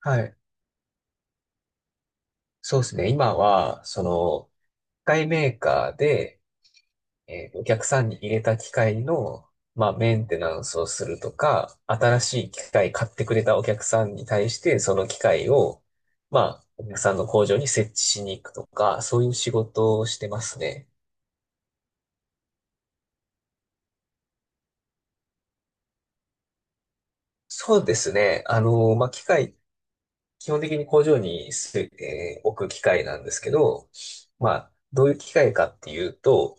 はい。そうですね。今は、機械メーカーで、お客さんに入れた機械の、まあ、メンテナンスをするとか、新しい機械買ってくれたお客さんに対して、その機械を、まあ、お客さんの工場に設置しに行くとか、そういう仕事をしてますね。そうですね。あの、まあ、機械、基本的に工場にす、えー置く機械なんですけど、まあ、どういう機械かっていうと、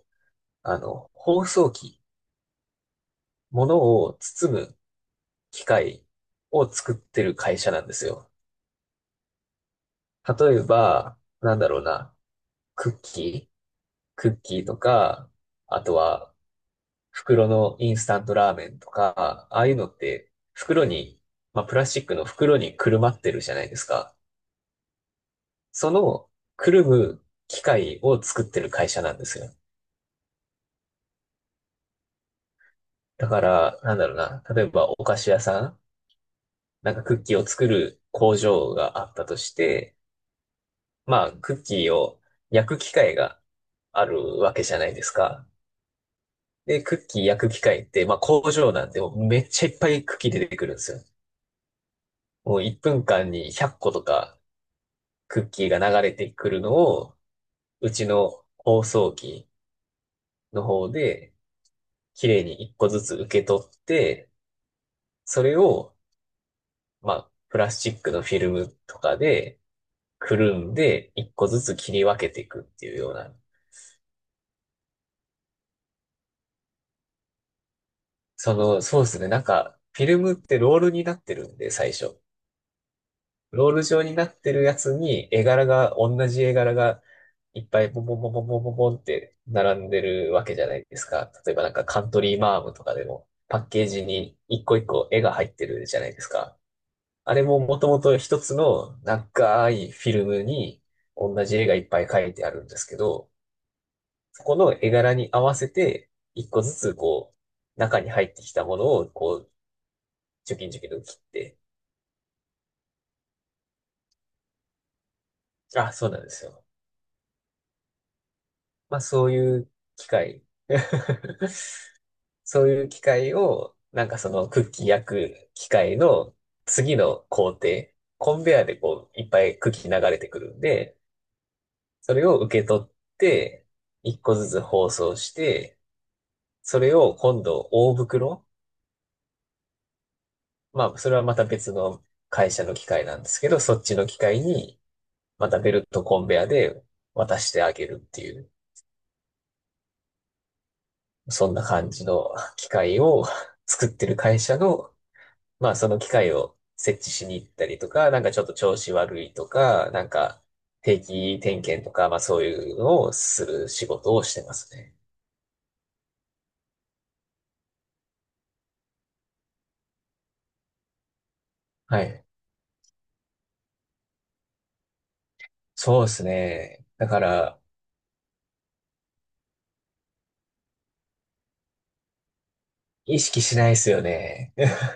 あの、包装機、物を包む機械を作ってる会社なんですよ。例えば、なんだろうな、クッキー、クッキーとか、あとは袋のインスタントラーメンとか、ああいうのって袋に、まあ、プラスチックの袋にくるまってるじゃないですか。そのくるむ機械を作ってる会社なんですよ。だから、なんだろうな、例えばお菓子屋さん、なんかクッキーを作る工場があったとして、まあ、クッキーを焼く機械があるわけじゃないですか。で、クッキー焼く機械って、まあ工場なんで、もうめっちゃいっぱいクッキー出てくるんですよ。もう1分間に100個とかクッキーが流れてくるのを、うちの包装機の方で、綺麗に1個ずつ受け取って、それを、まあ、プラスチックのフィルムとかで、くるんで、1個ずつ切り分けていくっていうような。そうですね。なんか、フィルムってロールになってるんで、最初。ロール状になってるやつに、絵柄が、同じ絵柄が、いっぱいボンボンボンボンボンボンボンって並んでるわけじゃないですか。例えばなんかカントリーマームとかでも、パッケージに一個一個絵が入ってるじゃないですか。あれももともと一つの長いフィルムに同じ絵がいっぱい描いてあるんですけど、そこの絵柄に合わせて、一個ずつこう、中に入ってきたものをこう、チョキンチョキンと切って、あ、そうなんですよ。まあそういう機械 そういう機械を、なんかそのクッキー焼く機械の次の工程、コンベアでこういっぱいクッキー流れてくるんで、それを受け取って、一個ずつ包装して、それを今度大袋、まあそれはまた別の会社の機械なんですけど、そっちの機械にまたベルトコンベアで渡してあげるっていう、そんな感じの機械を 作ってる会社のまあその機械を設置しに行ったりとか、なんかちょっと調子悪いとか、なんか定期点検とか、まあそういうのをする仕事をしてますね。はい。そうですね。だから、意識しないですよね。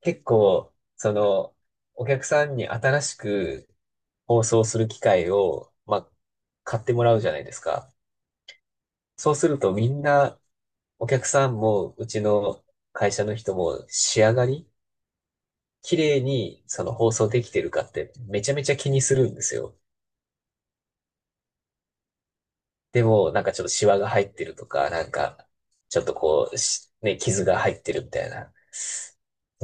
結構、お客さんに新しく放送する機会を、まあ、買ってもらうじゃないですか。そうするとみんな、お客さんも、うちの会社の人も仕上がり綺麗にその放送できてるかってめちゃめちゃ気にするんですよ。でも、なんかちょっとシワが入ってるとか、なんか、ちょっとこう、傷が入ってるみたいな。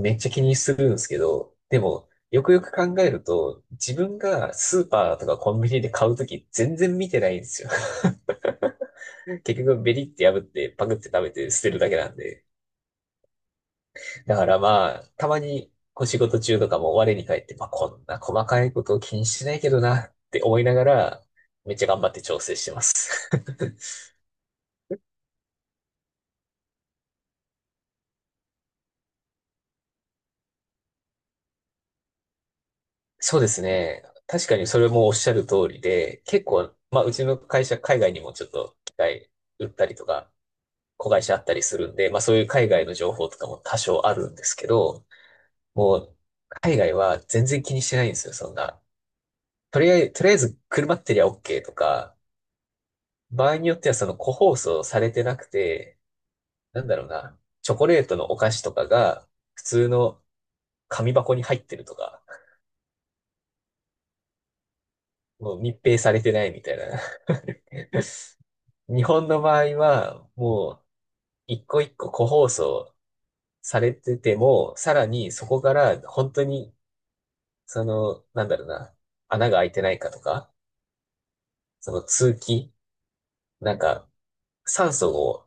めっちゃ気にするんですけど、でも、よくよく考えると、自分がスーパーとかコンビニで買うとき全然見てないんですよ。結局ベリって破ってパクって食べて捨てるだけなんで。だからまあ、たまにお仕事中とかも我に返って、まあこんな細かいことを気にしてないけどなって思いながら、めっちゃ頑張って調整してます。そうですね。確かにそれもおっしゃる通りで、結構、まあうちの会社海外にもちょっと機械売ったりとか、子会社あったりするんで、まあそういう海外の情報とかも多少あるんですけど、もう海外は全然気にしてないんですよ、そんな。とりあえず車ってりゃ OK とか、場合によってはその個包装されてなくて、なんだろうな、チョコレートのお菓子とかが、普通の紙箱に入ってるとか、もう密閉されてないみたいな。日本の場合は、もう、一個一個個包装されてても、さらにそこから本当に、その、なんだろうな、穴が開いてないかとか、その通気、なんか、酸素を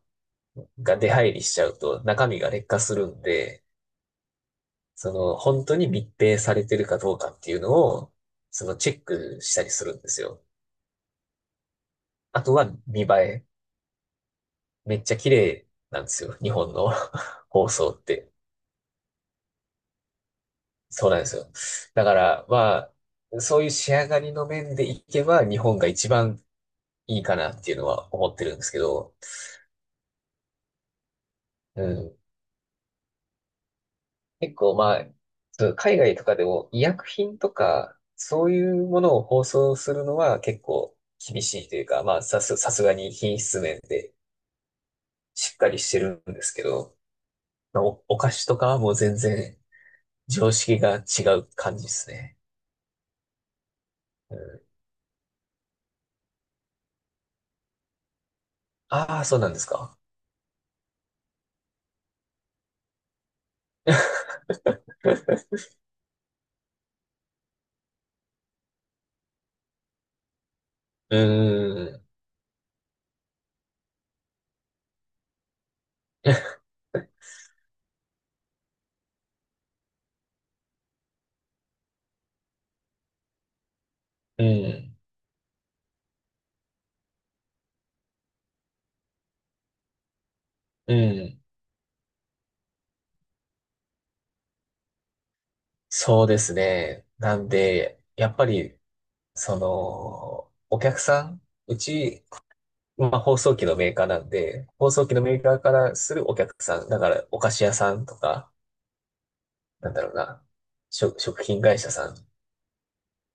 が出入りしちゃうと中身が劣化するんで、その、本当に密閉されてるかどうかっていうのを、そのチェックしたりするんですよ。あとは見栄え。めっちゃ綺麗なんですよ。日本の 放送って。そうなんですよ。だから、まあ、そういう仕上がりの面でいけば日本が一番いいかなっていうのは思ってるんですけど、うん。結構まあ、そう海外とかでも医薬品とか、そういうものを放送するのは結構厳しいというか、まあ、さすがに品質面でしっかりしてるんですけど、お菓子とかはもう全然常識が違う感じですね。ああー、そうなんですか。うーん。うん。うん。そうですね。なんで、やっぱり、その、お客さん、うち、まあ、放送機のメーカーなんで、放送機のメーカーからするお客さん、だから、お菓子屋さんとか、なんだろうな、食品会社さん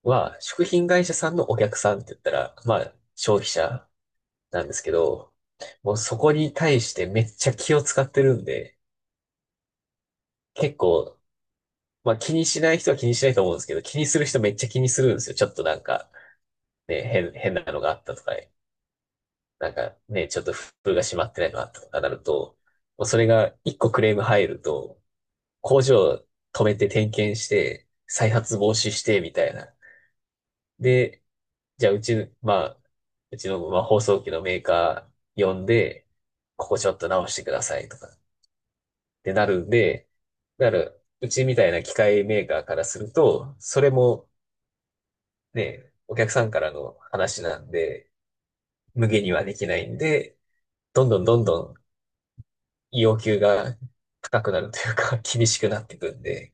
は、食品会社さんのお客さんって言ったら、まあ、消費者なんですけど、もうそこに対してめっちゃ気を使ってるんで、結構、まあ気にしない人は気にしないと思うんですけど、気にする人めっちゃ気にするんですよ。ちょっとなんか、ね、変なのがあったとか、なんかね、ちょっと封が閉まってないのがあったとかなると、もうそれが一個クレーム入ると、工場止めて点検して、再発防止して、みたいな。で、じゃあうち、まあ、うちの、まあ、放送機のメーカー呼んで、ここちょっと直してくださいとかってなるんで、うちみたいな機械メーカーからすると、それもね、お客さんからの話なんで、無限にはできないんで、どんどんどんどん要求が高くなるというか、厳しくなっていくんで、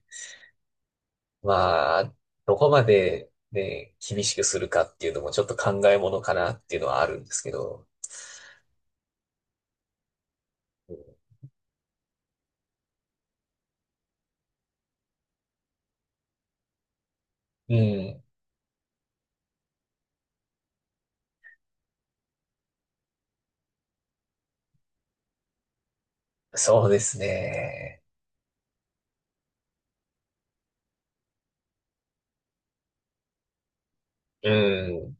まあ、どこまでね、厳しくするかっていうのもちょっと考えものかなっていうのはあるんですけど、うん、そうですね。うん、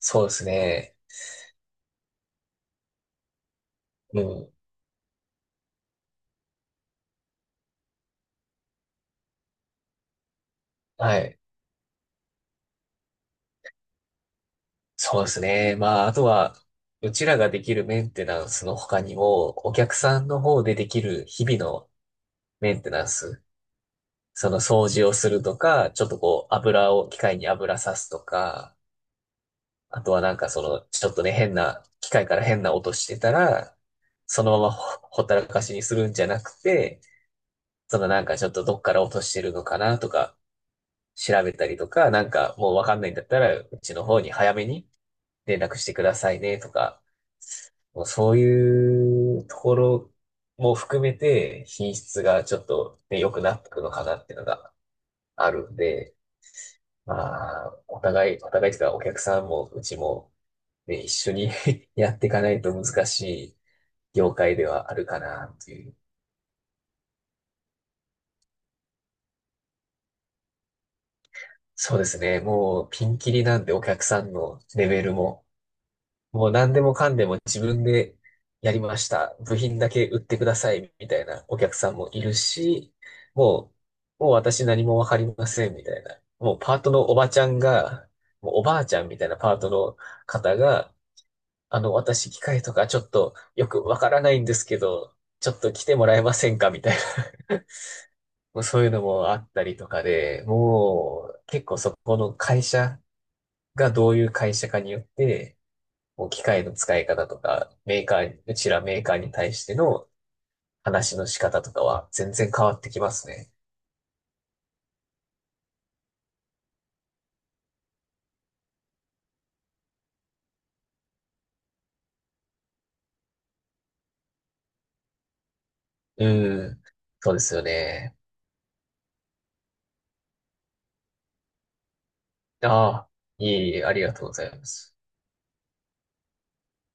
そうですね。うん、はい。そうですね。まあ、あとは、うちらができるメンテナンスの他にも、お客さんの方でできる日々のメンテナンス。その掃除をするとか、ちょっとこう油を、機械に油さすとか、あとはなんかその、ちょっとね、機械から変な音してたら、そのままほったらかしにするんじゃなくて、そのなんかちょっとどっから落としてるのかなとか、調べたりとか、なんかもうわかんないんだったら、うちの方に早めに連絡してくださいねとか、もうそういうところも含めて品質がちょっとね、良くなってくのかなっていうのがあるんで、まあ、お互いというか、お客さんも、うちも、ね、一緒に やっていかないと難しい業界ではあるかな、という。そうですね。もう、ピンキリなんで、お客さんのレベルも。もう、何でもかんでも自分でやりました。部品だけ売ってください、みたいなお客さんもいるし、ももう私何もわかりません、みたいな。もう、パートのおばちゃんが、もうおばあちゃんみたいなパートの方が、あの、私、機械とかちょっとよくわからないんですけど、ちょっと来てもらえませんかみたいな。もうそういうのもあったりとかで、もう結構そこの会社がどういう会社かによって、もう機械の使い方とか、メーカー、うちらメーカーに対しての話の仕方とかは全然変わってきますね。うん。そうですよね。ああ、いえいえ、ありがとうございます。